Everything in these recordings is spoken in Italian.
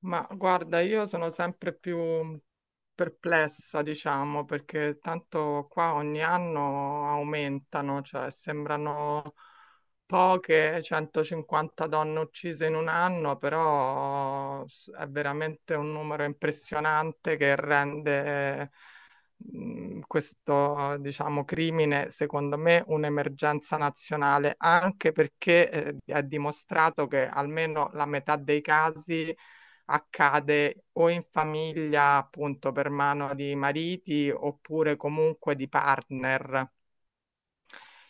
Ma guarda, io sono sempre più perplessa, diciamo, perché tanto qua ogni anno aumentano, cioè sembrano poche, 150 donne uccise in un anno, però è veramente un numero impressionante che rende questo, diciamo, crimine, secondo me, un'emergenza nazionale, anche perché è dimostrato che almeno la metà dei casi accade o in famiglia, appunto, per mano di mariti oppure comunque di partner.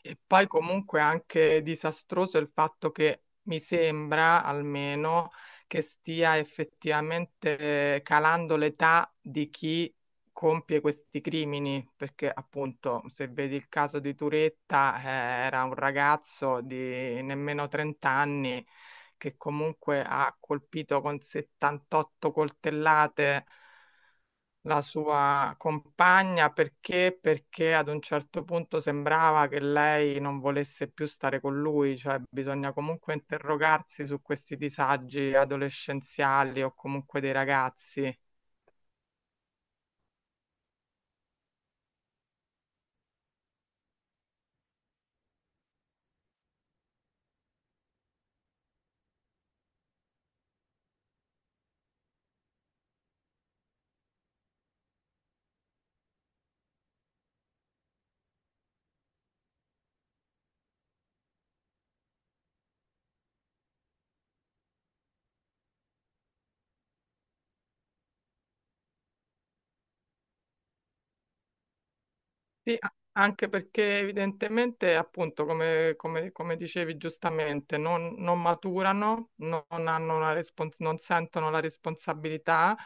E poi comunque anche disastroso il fatto che mi sembra almeno che stia effettivamente calando l'età di chi compie questi crimini, perché appunto se vedi il caso di Turetta, era un ragazzo di nemmeno 30 anni che comunque ha colpito con 78 coltellate la sua compagna perché? Perché ad un certo punto sembrava che lei non volesse più stare con lui, cioè bisogna comunque interrogarsi su questi disagi adolescenziali o comunque dei ragazzi. Sì, anche perché evidentemente, appunto, come dicevi giustamente, non maturano, non sentono la responsabilità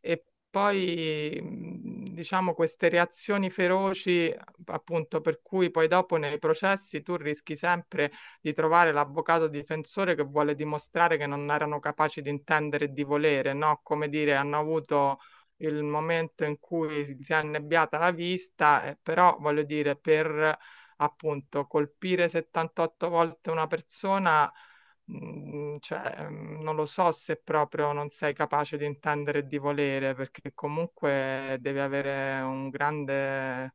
e poi, diciamo, queste reazioni feroci, appunto, per cui poi dopo nei processi tu rischi sempre di trovare l'avvocato difensore che vuole dimostrare che non erano capaci di intendere e di volere, no? Come dire, hanno avuto il momento in cui si è annebbiata la vista, però voglio dire, per appunto colpire 78 volte una persona, cioè, non lo so se proprio non sei capace di intendere e di volere, perché comunque devi avere un grande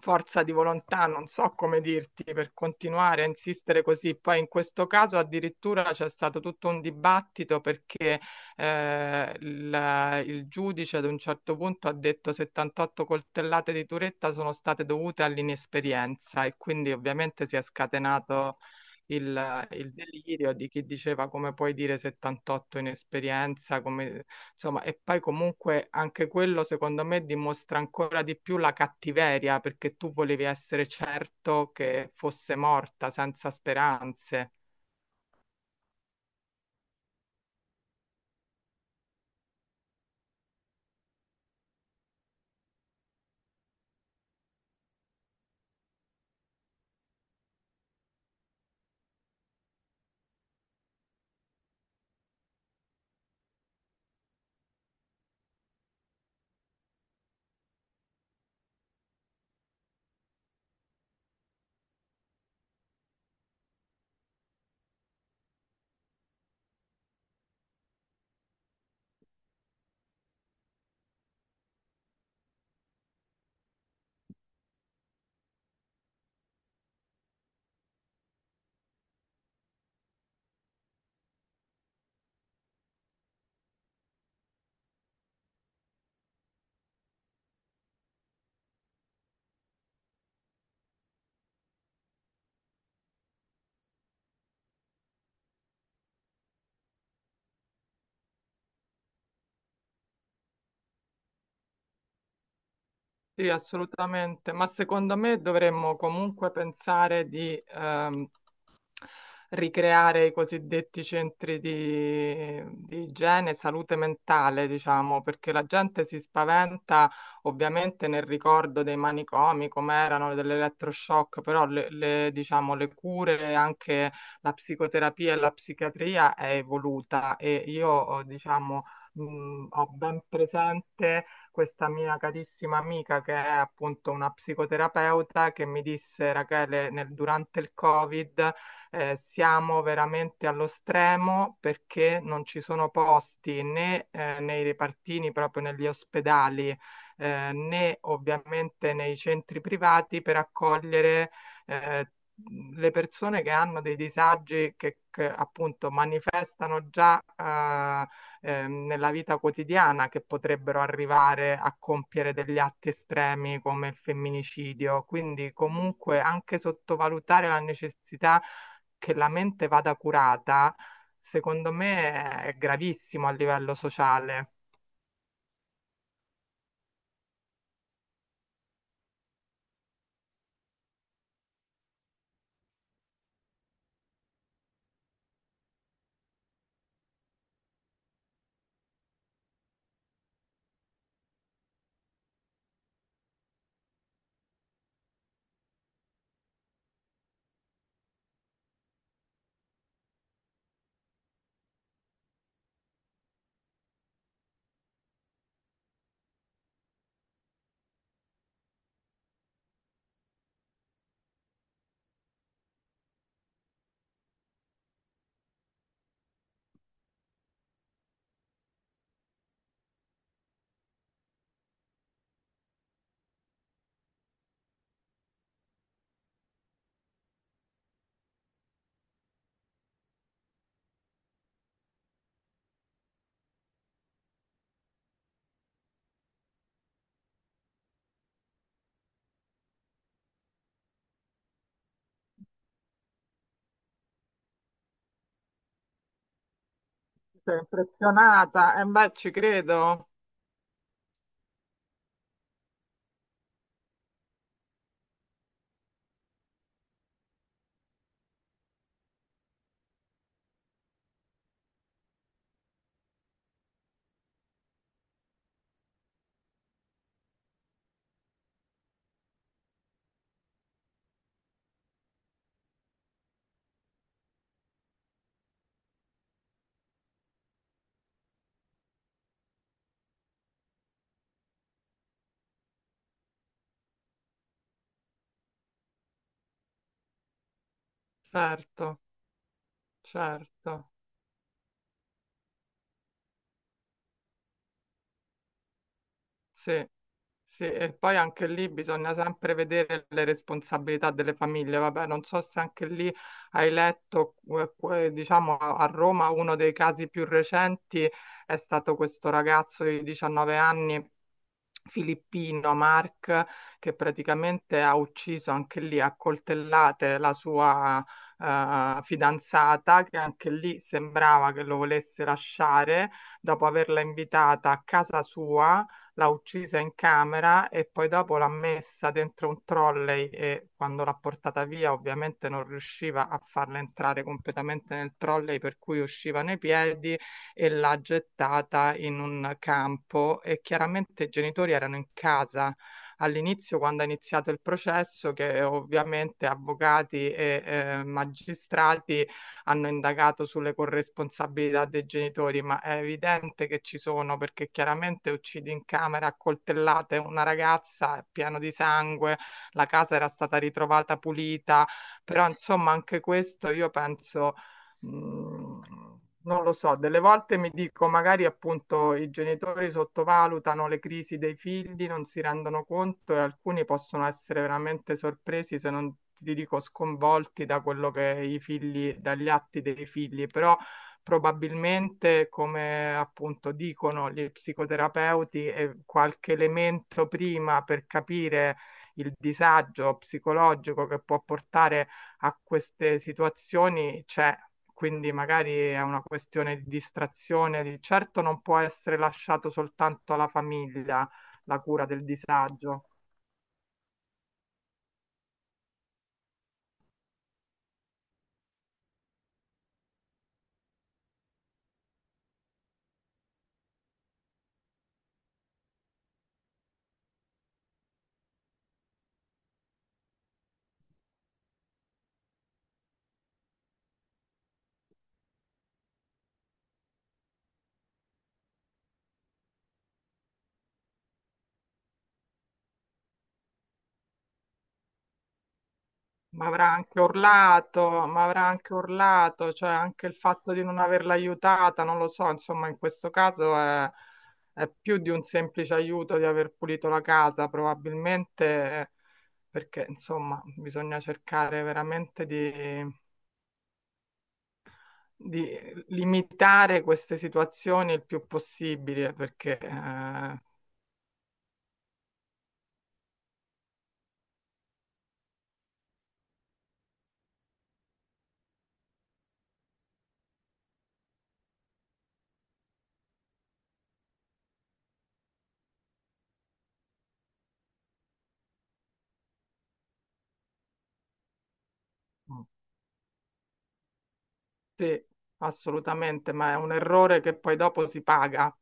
forza di volontà, non so come dirti, per continuare a insistere così. Poi in questo caso addirittura c'è stato tutto un dibattito perché il giudice ad un certo punto ha detto 78 coltellate di Turetta sono state dovute all'inesperienza e quindi ovviamente si è scatenato il delirio di chi diceva come puoi dire 78 inesperienza, come, insomma, e poi comunque anche quello secondo me dimostra ancora di più la cattiveria, perché tu volevi essere certo che fosse morta senza speranze. Sì, assolutamente, ma secondo me dovremmo comunque pensare di ricreare i cosiddetti centri di igiene e salute mentale, diciamo, perché la gente si spaventa ovviamente nel ricordo dei manicomi, come erano dell'elettroshock, però diciamo, le cure, anche la psicoterapia e la psichiatria è evoluta e io, diciamo, ho ben presente questa mia carissima amica che è appunto una psicoterapeuta che mi disse, Rachele, durante il Covid siamo veramente allo stremo perché non ci sono posti né nei repartini, proprio negli ospedali, né ovviamente nei centri privati per accogliere eh, le persone che hanno dei disagi che appunto manifestano già nella vita quotidiana che potrebbero arrivare a compiere degli atti estremi come il femminicidio. Quindi comunque anche sottovalutare la necessità che la mente vada curata, secondo me è gravissimo a livello sociale. Sei impressionata? E beh, ci credo. Certo, certo. Sì, sì. E poi anche lì bisogna sempre vedere le responsabilità delle famiglie. Vabbè, non so se anche lì hai letto, diciamo, a Roma uno dei casi più recenti è stato questo ragazzo di 19 anni Filippino Mark che praticamente ha ucciso anche lì a coltellate la sua fidanzata, che anche lì sembrava che lo volesse lasciare, dopo averla invitata a casa sua, l'ha uccisa in camera e poi dopo l'ha messa dentro un trolley e quando l'ha portata via ovviamente non riusciva a farla entrare completamente nel trolley per cui uscivano i piedi e l'ha gettata in un campo e chiaramente i genitori erano in casa all'inizio quando è iniziato il processo che ovviamente avvocati e magistrati hanno indagato sulle corresponsabilità dei genitori, ma è evidente che ci sono perché chiaramente uccidi in camera a coltellate una ragazza pieno di sangue, la casa era stata ritrovata pulita, però insomma anche questo io penso Mm, non lo so, delle volte mi dico, magari appunto i genitori sottovalutano le crisi dei figli, non si rendono conto e alcuni possono essere veramente sorpresi, se non ti dico sconvolti da quello che i figli, dagli atti dei figli, però probabilmente, come appunto dicono gli psicoterapeuti, qualche elemento prima per capire il disagio psicologico che può portare a queste situazioni c'è, quindi magari è una questione di distrazione, certo non può essere lasciato soltanto alla famiglia la cura del disagio, ma avrà anche urlato, cioè anche il fatto di non averla aiutata, non lo so, insomma, in questo caso è più di un semplice aiuto di aver pulito la casa, probabilmente eh, perché, insomma, bisogna cercare veramente di limitare queste situazioni il più possibile, perché sì, assolutamente, ma è un errore che poi dopo si paga.